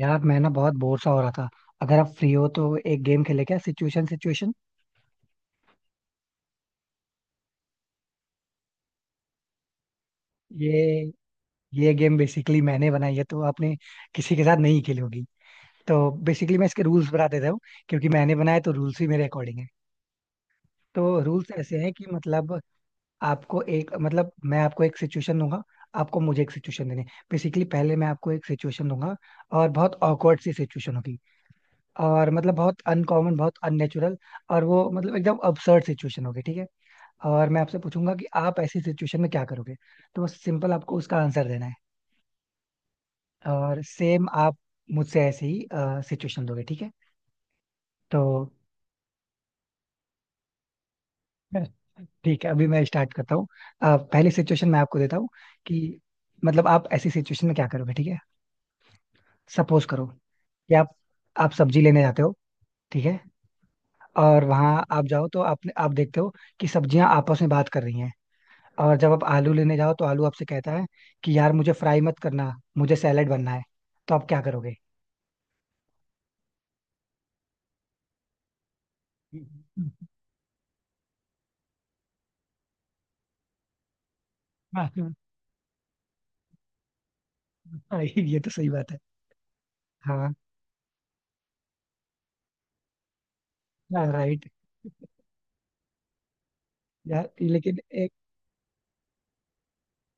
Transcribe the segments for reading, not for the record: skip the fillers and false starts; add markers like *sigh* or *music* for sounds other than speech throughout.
यार मैं ना बहुत बोर सा हो रहा था। अगर आप फ्री हो तो एक गेम खेले, क्या सिचुएशन सिचुएशन। ये ये गेम बेसिकली मैंने बनाई है, तो आपने किसी के साथ नहीं खेली होगी। तो बेसिकली मैं इसके रूल्स बता देता हूँ, क्योंकि मैंने बनाया तो रूल्स भी मेरे अकॉर्डिंग है। तो रूल्स ऐसे हैं कि मतलब आपको एक मतलब मैं आपको एक सिचुएशन दूंगा, आपको मुझे एक सिचुएशन देनी। बेसिकली पहले मैं आपको एक सिचुएशन दूंगा, और बहुत ऑकवर्ड सी सिचुएशन होगी, और मतलब बहुत अनकॉमन, बहुत अननेचुरल, और वो मतलब एकदम अबसर्ड सिचुएशन होगी, ठीक है। और मैं आपसे पूछूंगा कि आप ऐसी सिचुएशन में क्या करोगे। तो बस सिंपल आपको उसका आंसर देना है। और सेम आप मुझसे ऐसे ही सिचुएशन दोगे, ठीक है। तो ठीक है, अभी मैं स्टार्ट करता हूँ। पहली सिचुएशन मैं आपको देता हूँ कि मतलब आप ऐसी सिचुएशन में क्या करोगे, ठीक है। सपोज करो कि आप सब्जी लेने जाते हो, ठीक है। और वहां आप जाओ तो आपने आप देखते हो कि सब्जियां आपस में बात कर रही हैं। और जब आप आलू लेने जाओ तो आलू आपसे कहता है कि यार मुझे फ्राई मत करना, मुझे सैलेड बनना है, तो आप क्या करोगे? *laughs* हाँ। हाँ, ये तो सही बात है। हाँ हाँ राइट, यार लेकिन एक।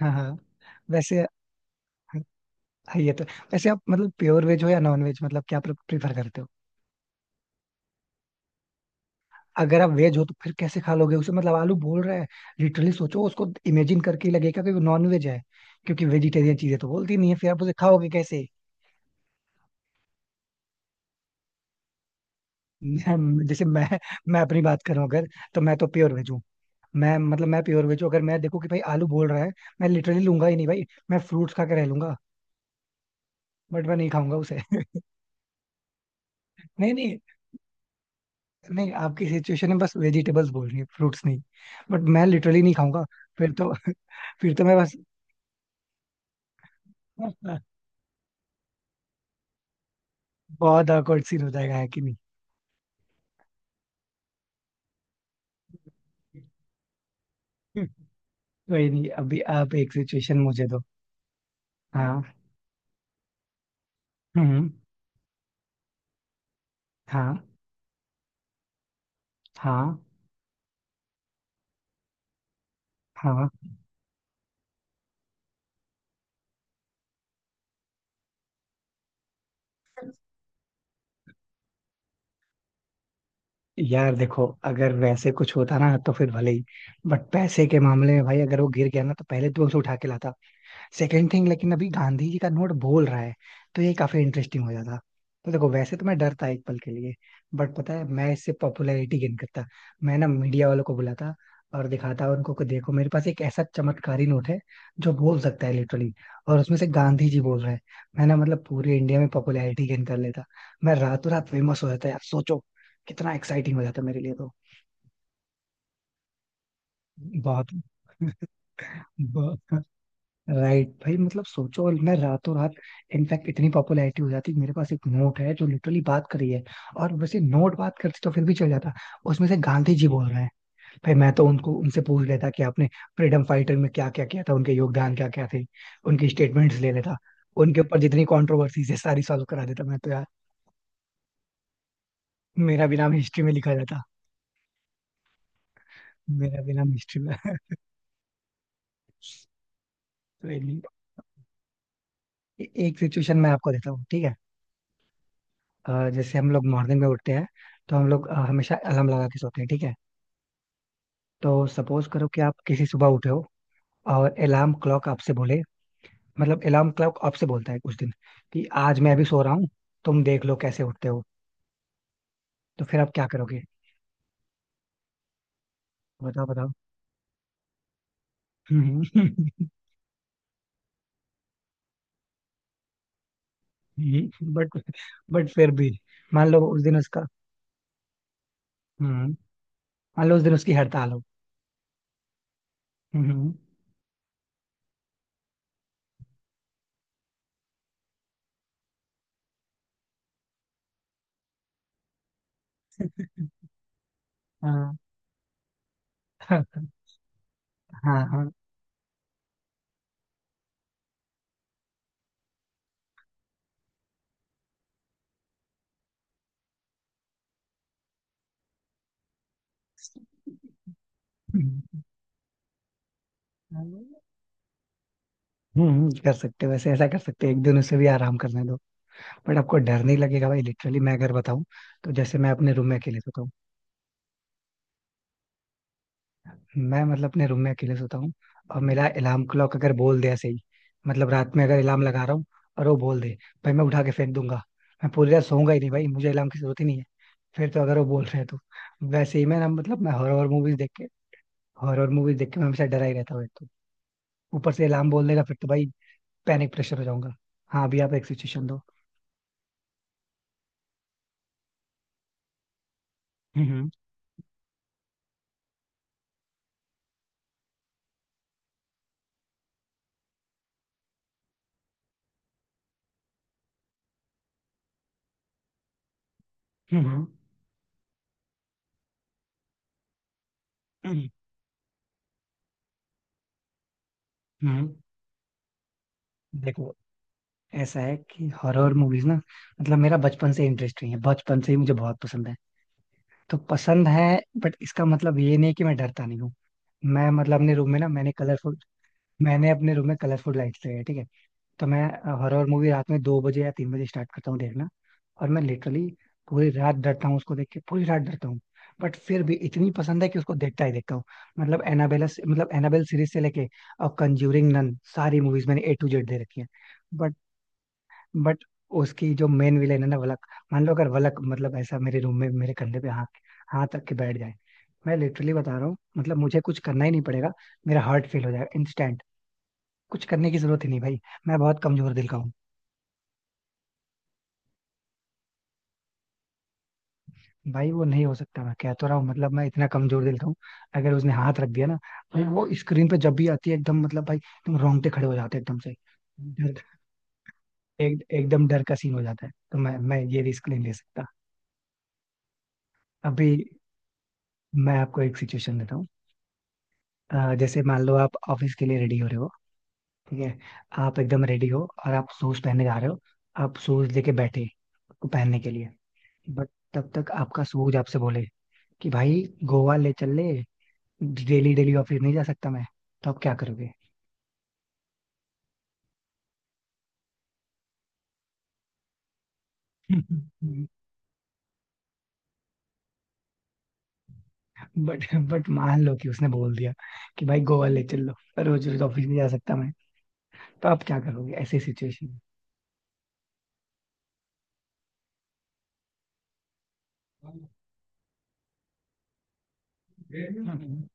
हाँ हाँ, वैसे, हाँ, ये तो, वैसे। आप मतलब प्योर वेज हो या नॉन वेज, मतलब क्या प्रीफर करते हो? अगर आप वेज हो तो फिर कैसे खा लोगे उसे, मतलब आलू बोल रहा है। लिटरली सोचो, उसको इमेजिन करके ही लगेगा कि वो नॉन वेज है, क्योंकि वेजिटेरियन चीजें तो बोलती नहीं है, फिर आप उसे खाओगे कैसे? *laughs* जैसे मैं अपनी बात करूं अगर, तो मैं तो प्योर वेज हूँ, मैं मतलब मैं प्योर वेज हूँ। अगर मैं देखूं कि भाई आलू बोल रहा है, मैं लिटरली लूंगा ही नहीं भाई, मैं फ्रूट्स खा के रह लूंगा, बट मैं नहीं खाऊंगा उसे। *laughs* नहीं नहीं, नहीं आपकी सिचुएशन में बस वेजिटेबल्स बोल रही है, फ्रूट्स नहीं, बट मैं लिटरली नहीं खाऊंगा। फिर तो *laughs* फिर तो मैं बस, बहुत awkward सीन हो जाएगा, है कि नहीं? *laughs* कोई नहीं, अभी आप एक सिचुएशन मुझे दो। हाँ, हम्म, हाँ, हाँ, हाँ। यार देखो, अगर वैसे कुछ होता ना तो फिर भले ही, बट पैसे के मामले में भाई अगर वो गिर गया ना तो पहले तो मैं उसे उठा के लाता। सेकंड थिंग, लेकिन अभी गांधी जी का नोट बोल रहा है, तो ये काफी इंटरेस्टिंग हो जाता। तो देखो, वैसे तो मैं डरता एक पल के लिए, बट पता है मैं इससे पॉपुलैरिटी गेन करता। मैं ना मीडिया वालों को बुलाता और दिखाता उनको को, देखो मेरे पास एक ऐसा चमत्कारी नोट है जो बोल सकता है लिटरली, और उसमें से गांधी जी बोल रहे हैं। मैं ना मतलब पूरे इंडिया में पॉपुलैरिटी गेन कर लेता, मैं रातों रात फेमस हो जाता, यार सोचो कितना एक्साइटिंग हो जाता मेरे लिए, तो बहुत। *laughs* बहुत राइट भाई, मतलब सोचो, और मैं रातों रात इनफैक्ट इतनी पॉपुलैरिटी हो जाती, मेरे पास एक नोट है जो लिटरली बात करी है, और वैसे नोट बात करते तो फिर भी चल जाता, उसमें से गांधी जी बोल रहे हैं। भाई मैं तो उनको उनसे पूछ लेता कि आपने फ्रीडम फाइटर में क्या क्या किया था, उनके योगदान क्या क्या थे, उनकी स्टेटमेंट्स ले लेता, उनके ऊपर जितनी कॉन्ट्रोवर्सीज है सारी सॉल्व करा देता मैं तो, यार मेरा भी नाम हिस्ट्री में लिखा जाता, मेरा भी नाम हिस्ट्री में। *laughs* तो ये नहीं। एक सिचुएशन मैं आपको देता हूँ, ठीक है। जैसे हम लोग मॉर्निंग में उठते हैं, तो हम लोग हमेशा अलार्म लगा के सोते हैं, ठीक है। तो सपोज करो कि आप किसी सुबह उठे हो, और अलार्म क्लॉक आपसे बोले, मतलब अलार्म क्लॉक आपसे बोलता है कुछ दिन कि आज मैं अभी सो रहा हूँ, तुम देख लो कैसे उठते हो, तो फिर आप क्या करोगे? बताओ बताओ। हम्म। *laughs* बट बट फिर भी मान लो उस दिन उसका हम्म, मान लो उस दिन उसकी हड़ताल हो। हम्म, हाँ। *laughs* हाँ, हाँ, हम्म, कर सकते हो, वैसे ऐसा कर सकते हो, एक दिन उसे भी आराम करने दो। बट आपको डर नहीं लगेगा भाई, लिटरली मैं अगर बताऊं, तो जैसे मैं अपने रूम में अकेले सोता हूँ, मैं मतलब अपने रूम में अकेले सोता हूँ, और मेरा अलार्म क्लॉक अगर बोल दे ऐसे ही, मतलब रात में अगर अलार्म लगा रहा हूँ और वो बोल दे, भाई मैं उठा के फेंक दूंगा। मैं पूरी रात सोऊंगा ही नहीं भाई, मुझे अलार्म की जरूरत ही नहीं है, फिर तो अगर वो बोल रहे हैं तो। वैसे ही मैं ना मतलब मैं हॉरर मूवीज देख के, हॉरर मूवीज देख के मैं हमेशा डरा ही रहता हूँ एक तो, ऊपर से अलार्म बोल देगा फिर तो भाई पैनिक प्रेशर हो जाऊंगा। हाँ अभी आप एक सिचुएशन दो। हम्म, हम्म, हम्म, हम्म, हम्म। देखो, ऐसा है कि हॉरर मूवीज ना, मतलब मेरा बचपन से इंटरेस्ट नहीं है, बचपन से ही मुझे बहुत पसंद है, तो पसंद है, बट इसका मतलब ये नहीं कि मैं डरता नहीं हूँ। मैं मतलब अपने रूम में ना मैंने कलरफुल, मैंने अपने रूम में कलरफुल लाइट्स लगाई है, ठीक है। तो मैं हॉरर मूवी रात में 2 बजे या 3 बजे स्टार्ट करता हूँ देखना, और मैं लिटरली पूरी रात डरता हूँ उसको देख के, पूरी रात डरता हूँ, बट फिर भी इतनी पसंद है कि उसको देखता ही देखता हूँ। मतलब एनाबेल सीरीज से लेके और कंज्यूरिंग नन, सारी मूवीज मैंने A to Z दे रखी है। बट उसकी जो मेन विलेन है ना वलक, मान लो अगर वलक मतलब ऐसा मेरे रूम में मेरे कंधे पे हाथ हाथ रख के बैठ जाए, मैं लिटरली बता रहा हूँ मतलब मुझे कुछ करना ही नहीं पड़ेगा, मेरा हार्ट फेल हो जाएगा इंस्टेंट, कुछ करने की जरूरत ही नहीं भाई, मैं बहुत कमजोर दिल का हूँ। भाई वो नहीं हो सकता, मैं कह तो रहा हूँ, मतलब मैं इतना कमजोर दिल का हूँ, अगर उसने हाथ रख दिया ना, भाई वो स्क्रीन पे जब भी आती है एकदम, मतलब भाई एकदम रोंगटे खड़े हो जाते हैं एकदम से, डर एक एकदम डर का सीन हो जाता है, तो मैं ये रिस्क नहीं ले सकता। अभी मैं आपको एक सिचुएशन देता हूँ, जैसे मान लो आप ऑफिस के लिए रेडी हो रहे हो, ठीक है। आप एकदम रेडी हो और आप शूज पहनने जा रहे हो, आप शूज लेके बैठे को पहनने के लिए, बट तब तक आपका सूझ आपसे बोले कि भाई गोवा ले चल ले, डेली डेली ऑफिस नहीं जा सकता मैं, तो आप क्या करोगे? *laughs* बट बट मान लो कि उसने बोल दिया कि भाई गोवा ले चल लो, रोज रोज ऑफिस नहीं जा सकता मैं, तो आप क्या करोगे ऐसी सिचुएशन में? *laughs*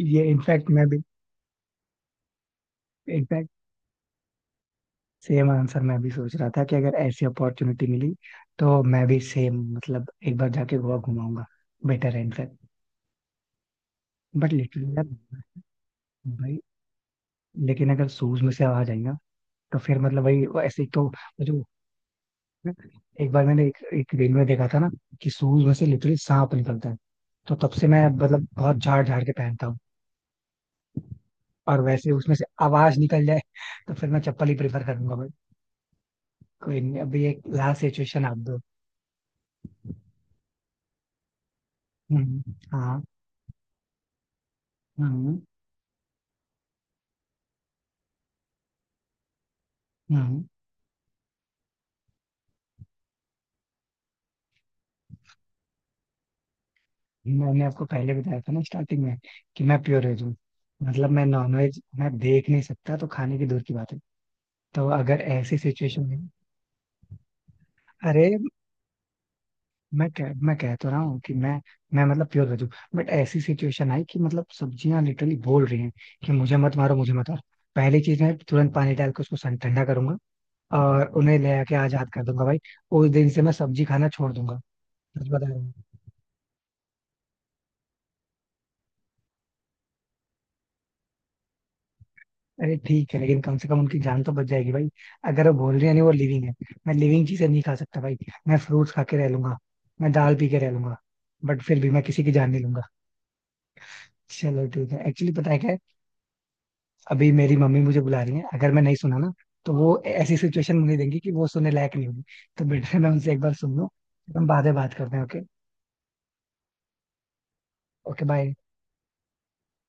ये इनफैक्ट मैं भी, सेम आंसर मैं भी सोच रहा था, कि अगर ऐसी अपॉर्चुनिटी मिली तो मैं भी सेम मतलब एक बार जाके गोवा घुमाऊंगा, बेटर है इनफैक्ट। बट लिटरली यार भाई, लेकिन अगर शूज में से आवाज आई ना तो फिर मतलब वही वो ऐसे ही तो वो जो, एक बार मैंने एक रील में देखा था ना कि शूज में से लिटरली सांप निकलता है, तो तब से मैं मतलब बहुत झाड़ झाड़ के पहनता हूँ। और वैसे उसमें से आवाज निकल जाए तो फिर मैं चप्पल ही प्रेफर करूंगा भाई। कोई नहीं, अभी एक लास्ट सिचुएशन आप दो। हम्म, हाँ, हम्म, हम्म। मैंने आपको पहले बताया था ना स्टार्टिंग में कि मैं प्योर वेज हूँ, मतलब मैं नॉनवेज मैं देख नहीं सकता, तो खाने की दूर की बात है, तो अगर ऐसी सिचुएशन में, अरे मैं कह तो रहा हूँ कि मैं मतलब प्योर वेज हूँ, बट ऐसी सिचुएशन आई कि मतलब सब्जियां लिटरली बोल रही हैं कि मुझे मत मारो, मुझे मत मारो। पहली चीज, मैं तुरंत पानी डाल के उसको सन ठंडा करूंगा, और उन्हें ले आके आजाद कर दूंगा भाई। उस दिन से मैं सब्जी खाना छोड़ दूंगा, सच बता रहा हूँ। अरे ठीक है लेकिन कम से कम उनकी जान तो बच जाएगी भाई, अगर वो बोल रही है, नहीं वो लिविंग है, मैं लिविंग चीजें नहीं खा सकता भाई, मैं फ्रूट्स खा के रह लूंगा, मैं दाल पी के रह लूंगा, बट फिर भी मैं किसी की जान नहीं लूंगा। चलो ठीक है, एक्चुअली पता है क्या है, अभी मेरी मम्मी मुझे बुला रही है, अगर मैं नहीं सुना ना तो वो ऐसी सिचुएशन मुझे देंगी कि वो सुनने लायक नहीं होगी, तो बेटर है मैं उनसे एक बार सुन लूं, फिर हम बाद में बात करते हैं, ओके। Okay bye.